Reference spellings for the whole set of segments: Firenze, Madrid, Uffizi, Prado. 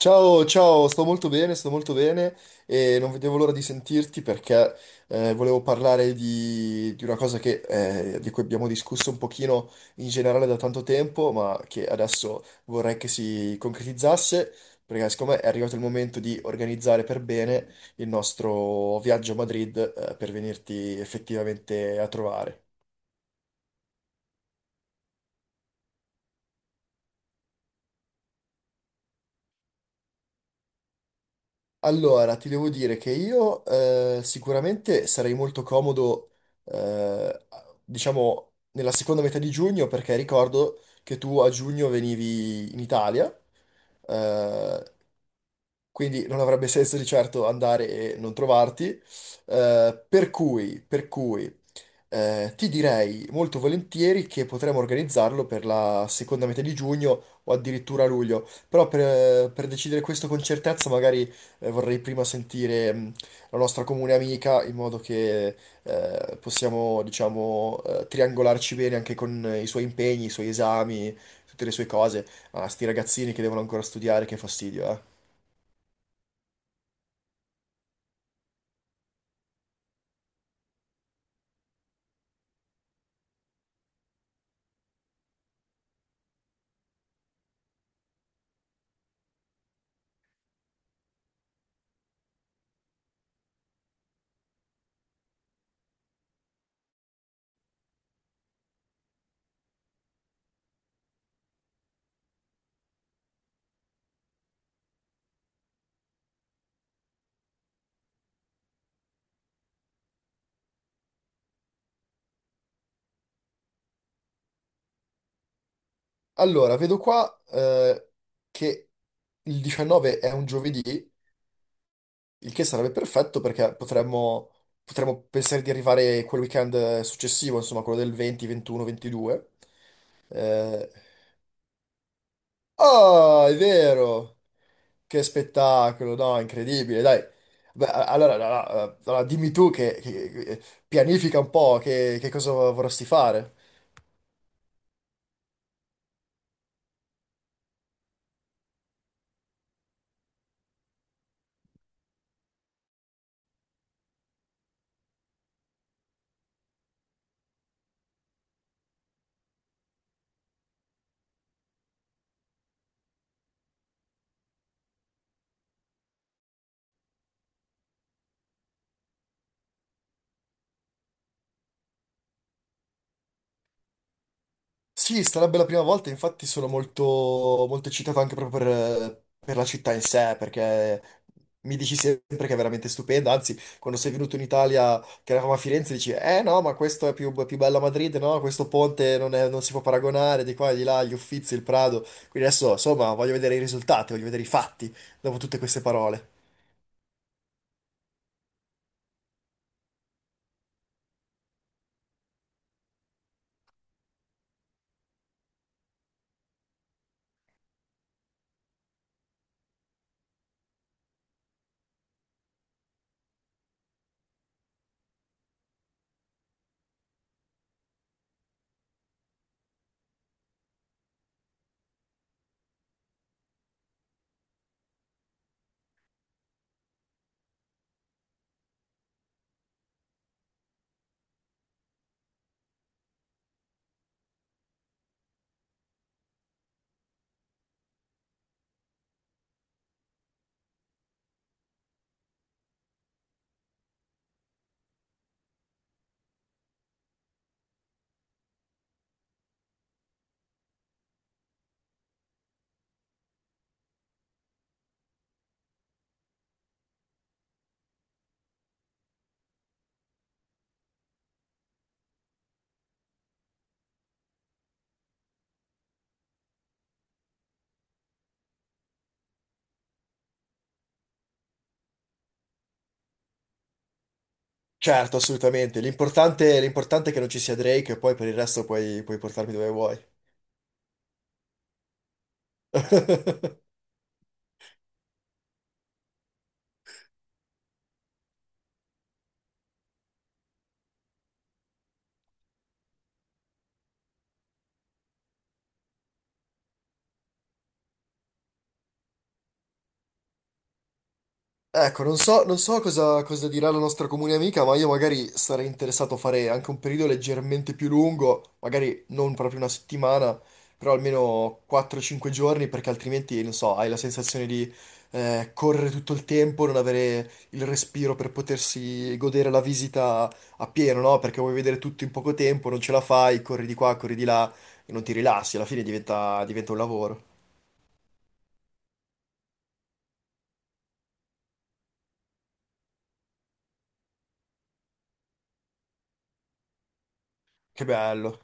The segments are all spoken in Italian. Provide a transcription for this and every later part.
Ciao, ciao, sto molto bene e non vedevo l'ora di sentirti perché volevo parlare di una cosa di cui abbiamo discusso un pochino in generale da tanto tempo, ma che adesso vorrei che si concretizzasse, perché secondo me è arrivato il momento di organizzare per bene il nostro viaggio a Madrid, per venirti effettivamente a trovare. Allora, ti devo dire che io sicuramente sarei molto comodo, eh, diciamo, nella seconda metà di giugno, perché ricordo che tu a giugno venivi in Italia, eh, quindi non avrebbe senso di certo andare e non trovarti. Per cui, ti direi molto volentieri che potremmo organizzarlo per la seconda metà di giugno o addirittura luglio, però per decidere questo con certezza magari vorrei prima sentire la nostra comune amica in modo che possiamo, diciamo, triangolarci bene anche con i suoi impegni, i suoi esami, tutte le sue cose. Ah, sti ragazzini che devono ancora studiare, che fastidio, eh. Allora, vedo qua, che il 19 è un giovedì. Il che sarebbe perfetto perché potremmo pensare di arrivare quel weekend successivo, insomma, quello del 20, 21, 22. Eh, Oh, è vero! Che spettacolo, no? Incredibile, dai. Beh, allora, dimmi tu che pianifica un po' che cosa vorresti fare. Sì, sarebbe la prima volta, infatti sono molto eccitato anche proprio per la città in sé, perché mi dici sempre che è veramente stupenda, anzi, quando sei venuto in Italia, che eravamo a Firenze, dici, eh no, ma questo è più bello a Madrid, no, questo ponte non si può paragonare, di qua e di là, gli Uffizi, il Prado, quindi adesso, insomma, voglio vedere i risultati, voglio vedere i fatti, dopo tutte queste parole. Certo, assolutamente, l'importante è che non ci sia Drake e poi per il resto puoi portarmi dove vuoi. Ecco, non so cosa dirà la nostra comune amica, ma io magari sarei interessato a fare anche un periodo leggermente più lungo, magari non proprio una settimana, però almeno 4-5 giorni, perché altrimenti, non so, hai la sensazione di correre tutto il tempo, non avere il respiro per potersi godere la visita a pieno, no? Perché vuoi vedere tutto in poco tempo, non ce la fai, corri di qua, corri di là e non ti rilassi, alla fine diventa un lavoro. Che bello.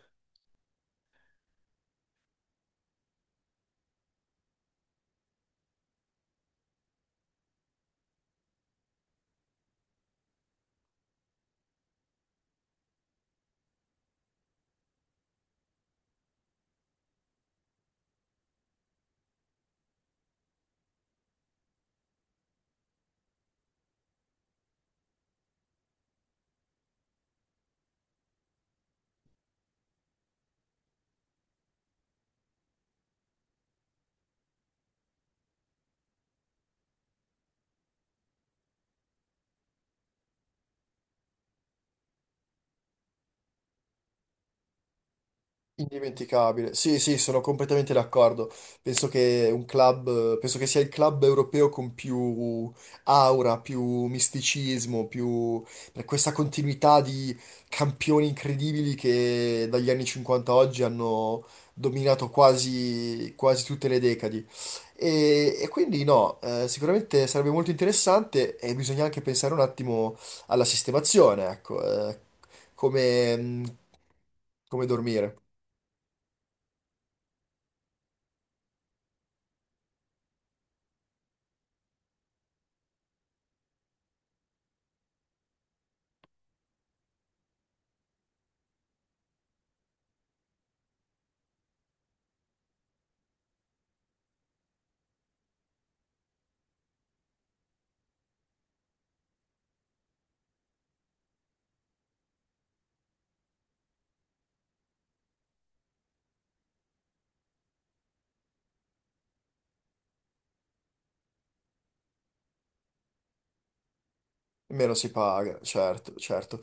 Indimenticabile. Sì, sì, sono completamente d'accordo. Penso che un club, penso che sia il club europeo con più aura, più misticismo, più, per questa continuità di campioni incredibili che dagli anni 50 a oggi hanno dominato quasi, quasi tutte le decadi. E quindi no, sicuramente sarebbe molto interessante e bisogna anche pensare un attimo alla sistemazione, ecco, come, come dormire. Meno si paga, certo, certo.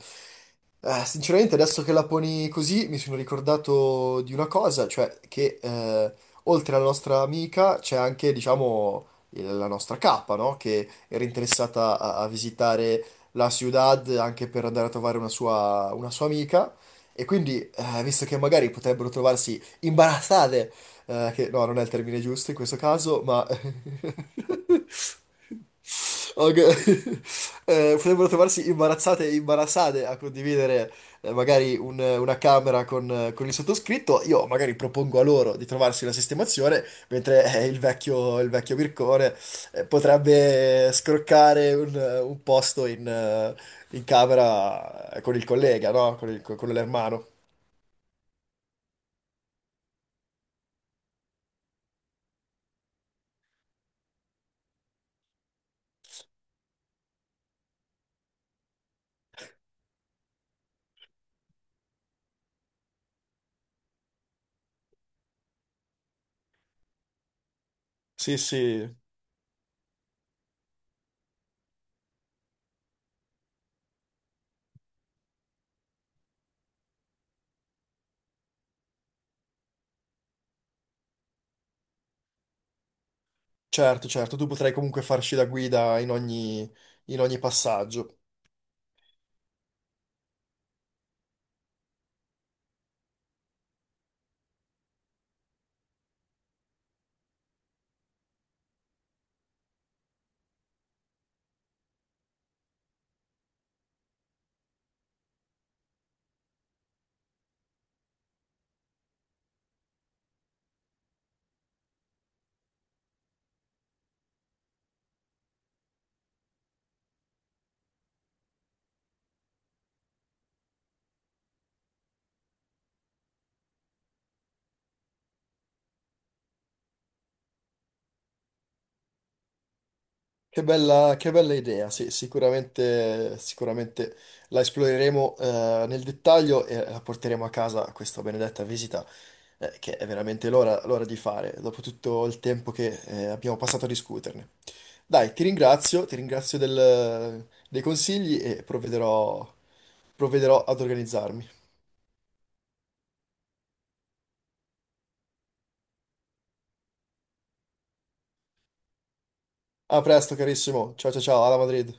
Sinceramente, adesso che la poni così, mi sono ricordato di una cosa, cioè che oltre alla nostra amica c'è anche, diciamo, la nostra capa, no? Che era interessata a visitare la ciudad anche per andare a trovare una sua amica. E quindi, visto che magari potrebbero trovarsi imbarazzate, che no, non è il termine giusto in questo caso, ma... Ok. Potrebbero trovarsi imbarazzate e imbarazzate a condividere, magari una camera con il sottoscritto. Io magari propongo a loro di trovarsi una sistemazione, mentre il vecchio Mircone potrebbe scroccare un posto in camera, con il collega, no? Con l'ermano. Sì, sì. Certo, certo, tu potrai comunque farci da guida in ogni passaggio. Che bella idea, sì, sicuramente, sicuramente la esploreremo, nel dettaglio, e la porteremo a casa questa benedetta visita, che è veramente l'ora di fare, dopo tutto il tempo che abbiamo passato a discuterne. Dai, ti ringrazio dei consigli e provvederò ad organizzarmi. A presto, carissimo, ciao ciao ciao, alla Madrid.